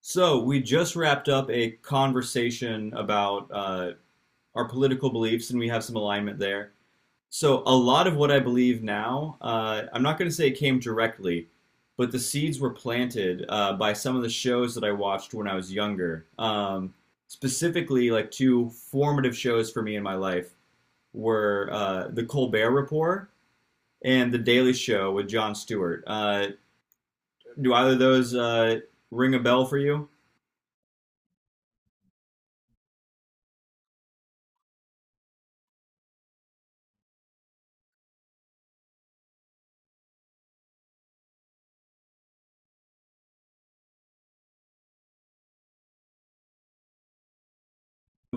So we just wrapped up a conversation about our political beliefs, and we have some alignment there. So a lot of what I believe now, I'm not going to say it came directly, but the seeds were planted by some of the shows that I watched when I was younger. Specifically, like two formative shows for me in my life were The Colbert Report and The Daily Show with Jon Stewart. Do either of those ring a bell for you?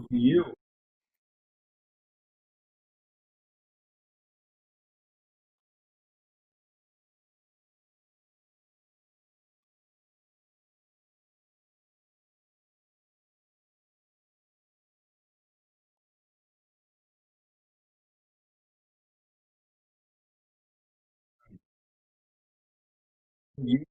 You. You.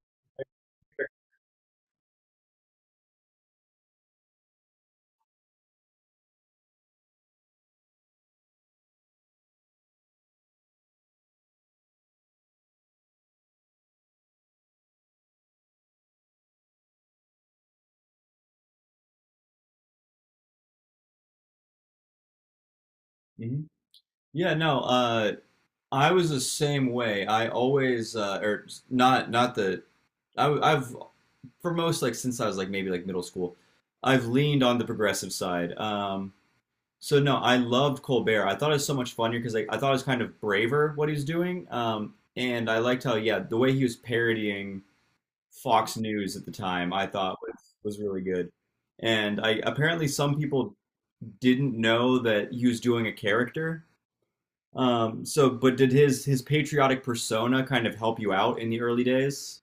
hmm Yeah, no, I was the same way. I always, or not, I, I've, for most, like, since I was, like, maybe, like, middle school, I've leaned on the progressive side. So no, I loved Colbert. I thought it was so much funnier because like I thought it was kind of braver what he was doing. And I liked how yeah the way he was parodying Fox News at the time I thought was really good. And I apparently some people didn't know that he was doing a character. So but did his patriotic persona kind of help you out in the early days?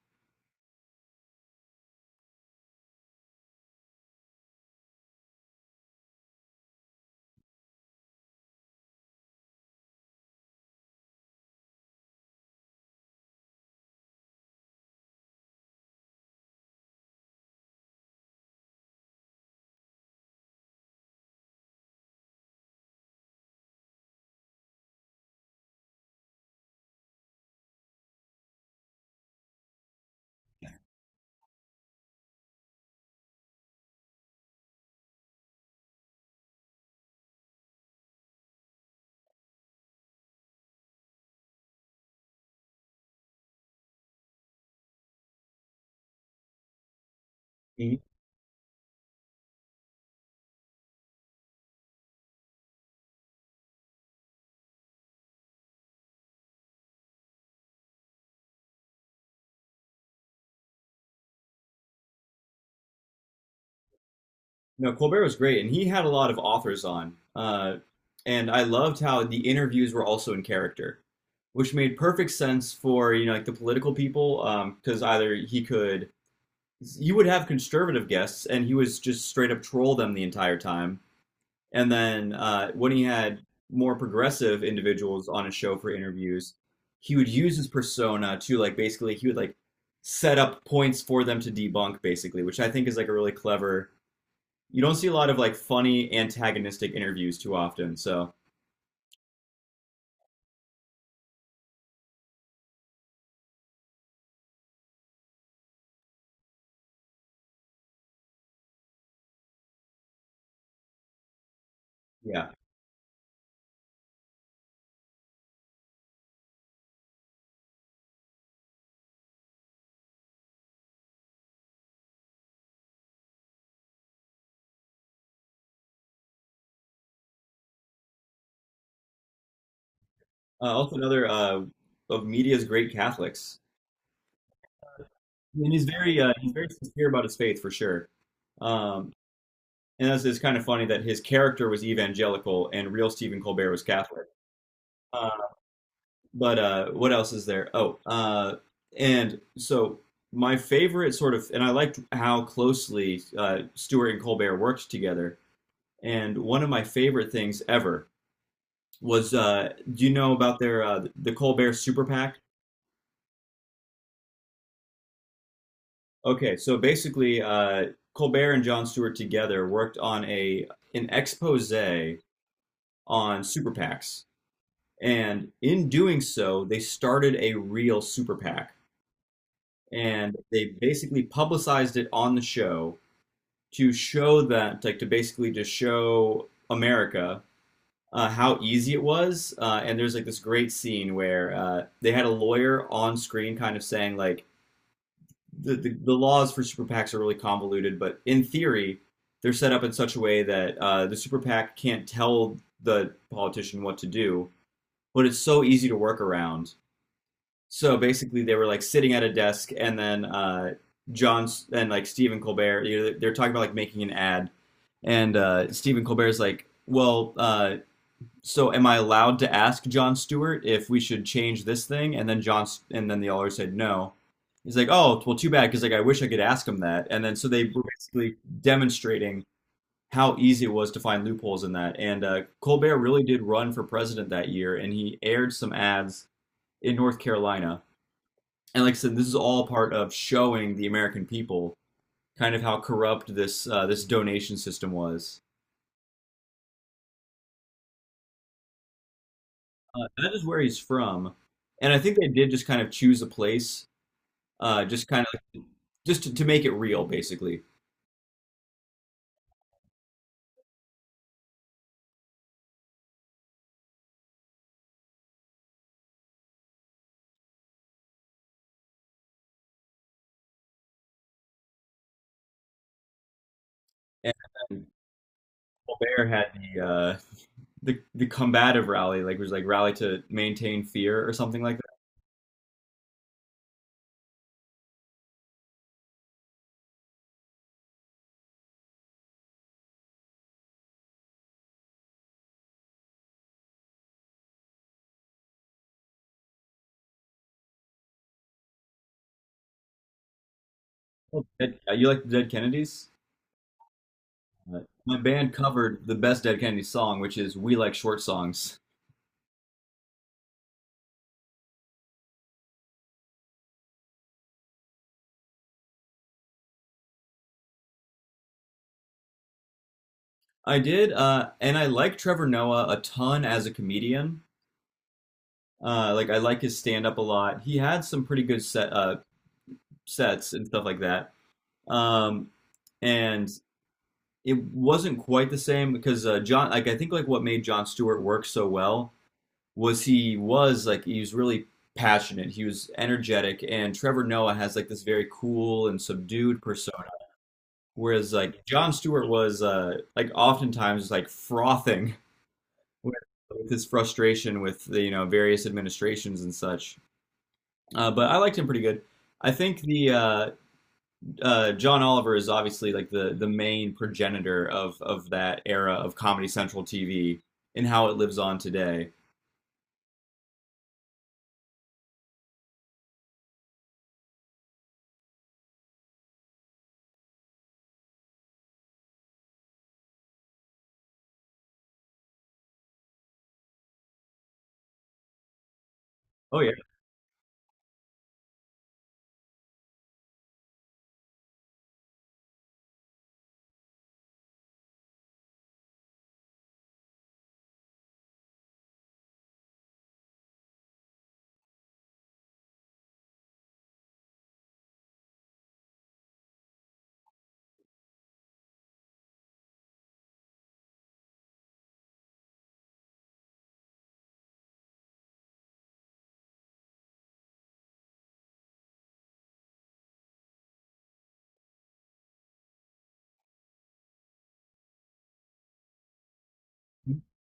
Mhm. No, Colbert was great, and he had a lot of authors on. And I loved how the interviews were also in character, which made perfect sense for you know like the political people because either he could you would have conservative guests and he was just straight up troll them the entire time and then when he had more progressive individuals on his show for interviews he would use his persona to like basically he would like set up points for them to debunk basically, which I think is like a really clever. You don't see a lot of like funny antagonistic interviews too often so yeah. Also another of media's great Catholics. And he's very sincere about his faith for sure. Um, and that's it's kind of funny that his character was evangelical and real Stephen Colbert was Catholic. Uh, but what else is there? Oh, and so My favorite sort of, and I liked how closely Stewart and Colbert worked together. And one of my favorite things ever was, do you know about their the Colbert Super PAC? Okay, so basically, Colbert and Jon Stewart together worked on a an expose on super PACs, and in doing so, they started a real super PAC, and they basically publicized it on the show to show that, like, to basically just show America how easy it was. And there's like this great scene where they had a lawyer on screen, kind of saying like the laws for super PACs are really convoluted, but in theory, they're set up in such a way that the super PAC can't tell the politician what to do, but it's so easy to work around. So basically, they were like sitting at a desk, and then John and like Stephen Colbert, you know, they're talking about like making an ad, and Stephen Colbert's like, "Well, so am I allowed to ask John Stewart if we should change this thing?" And then John, and then the alder said no. He's like, oh, well, too bad, because like I wish I could ask him that. And then so they were basically demonstrating how easy it was to find loopholes in that. And Colbert really did run for president that year, and he aired some ads in North Carolina. And like I said, this is all part of showing the American people kind of how corrupt this this donation system was. That is where he's from, and I think they did just kind of choose a place just kind of just to make it real, basically. And then Colbert had the uh, the combative rally, like it was like rally to maintain fear or something like that. Oh, you like the Dead Kennedys? Uh, my band covered the best Dead Kennedys song, which is "We Like Short Songs." I did, and I like Trevor Noah a ton as a comedian. Like I like his stand up a lot. He had some pretty good sets and stuff like that. Um, and It wasn't quite the same because John, like I think, like what made John Stewart work so well was he was like he was really passionate, he was energetic, and Trevor Noah has like this very cool and subdued persona, whereas like John Stewart was like oftentimes like frothing with, with his frustration with the you know various administrations and such. But I liked him pretty good. I think the John Oliver is obviously like the main progenitor of that era of Comedy Central TV and how it lives on today. Oh yeah,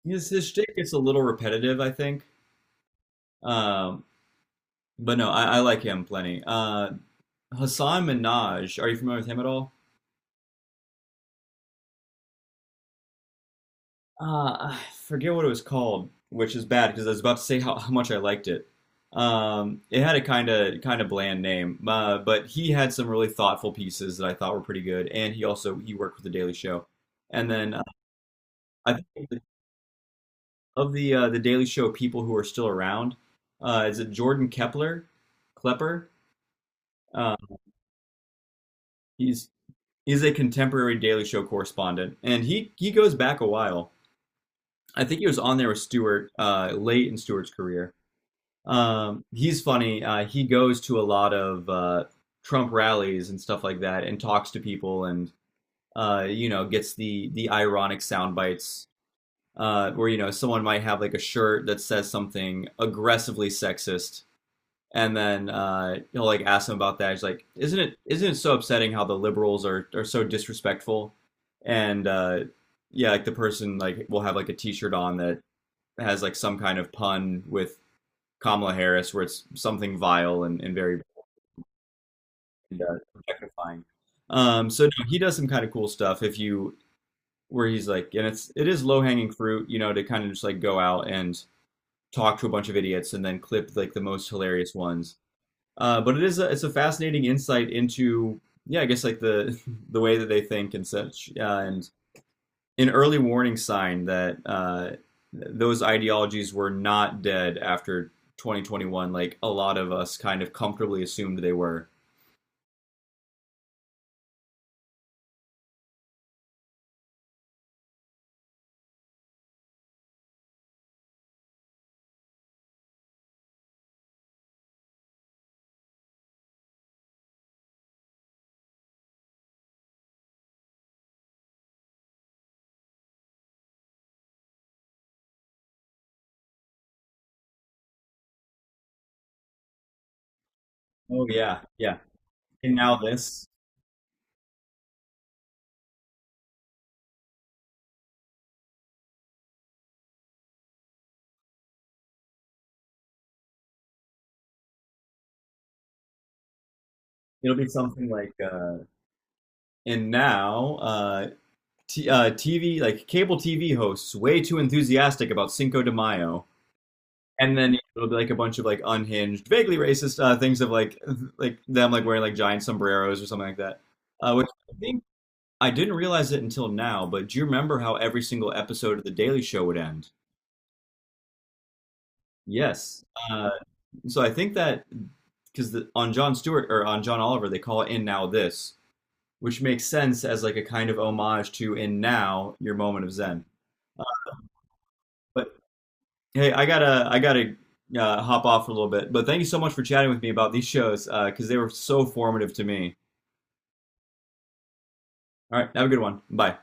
his shtick gets a little repetitive, I think. Um, but no, I like him plenty. Hassan Minaj, are you familiar with him at all? I forget what it was called, which is bad because I was about to say how much I liked it. It had a kind of bland name, but he had some really thoughtful pieces that I thought were pretty good, and he worked with the Daily Show. And then I think of the Daily Show people who are still around, is it Klepper? Uh, he's a contemporary Daily Show correspondent, and he goes back a while. I think he was on there with Stewart late in Stewart's career. He's funny. He goes to a lot of Trump rallies and stuff like that, and talks to people, and you know, gets the ironic sound bites where you know someone might have like a shirt that says something aggressively sexist, and then he'll like ask them about that. He's like, "Isn't it so upsetting how the liberals are so disrespectful?" And yeah, like the person like will have like a T-shirt on that has like some kind of pun with Kamala Harris, where it's something vile and very and, objectifying. So no, he does some kind of cool stuff if you where he's like, and it's it is low hanging fruit, you know, to kind of just like go out and talk to a bunch of idiots and then clip like the most hilarious ones. But it is a, it's a fascinating insight into yeah, I guess like the the way that they think and such, and an early warning sign that those ideologies were not dead after 2021, like a lot of us kind of comfortably assumed they were. Oh yeah, yeah. And now this, it'll be something like, and now uh, TV, like cable TV hosts, way too enthusiastic about Cinco de Mayo. And then it'll be like a bunch of like unhinged, vaguely racist things of like them like wearing like giant sombreros or something like that. Which I think I didn't realize it until now, but do you remember how every single episode of The Daily Show would end? Yes. Uh, so I think that because on John Stewart or on John Oliver, they call it "In Now This," which makes sense as like a kind of homage to "In Now Your Moment of Zen." Uh, but hey, I gotta hop off for a little bit. But thank you so much for chatting with me about these shows because they were so formative to me. All right, have a good one. Bye.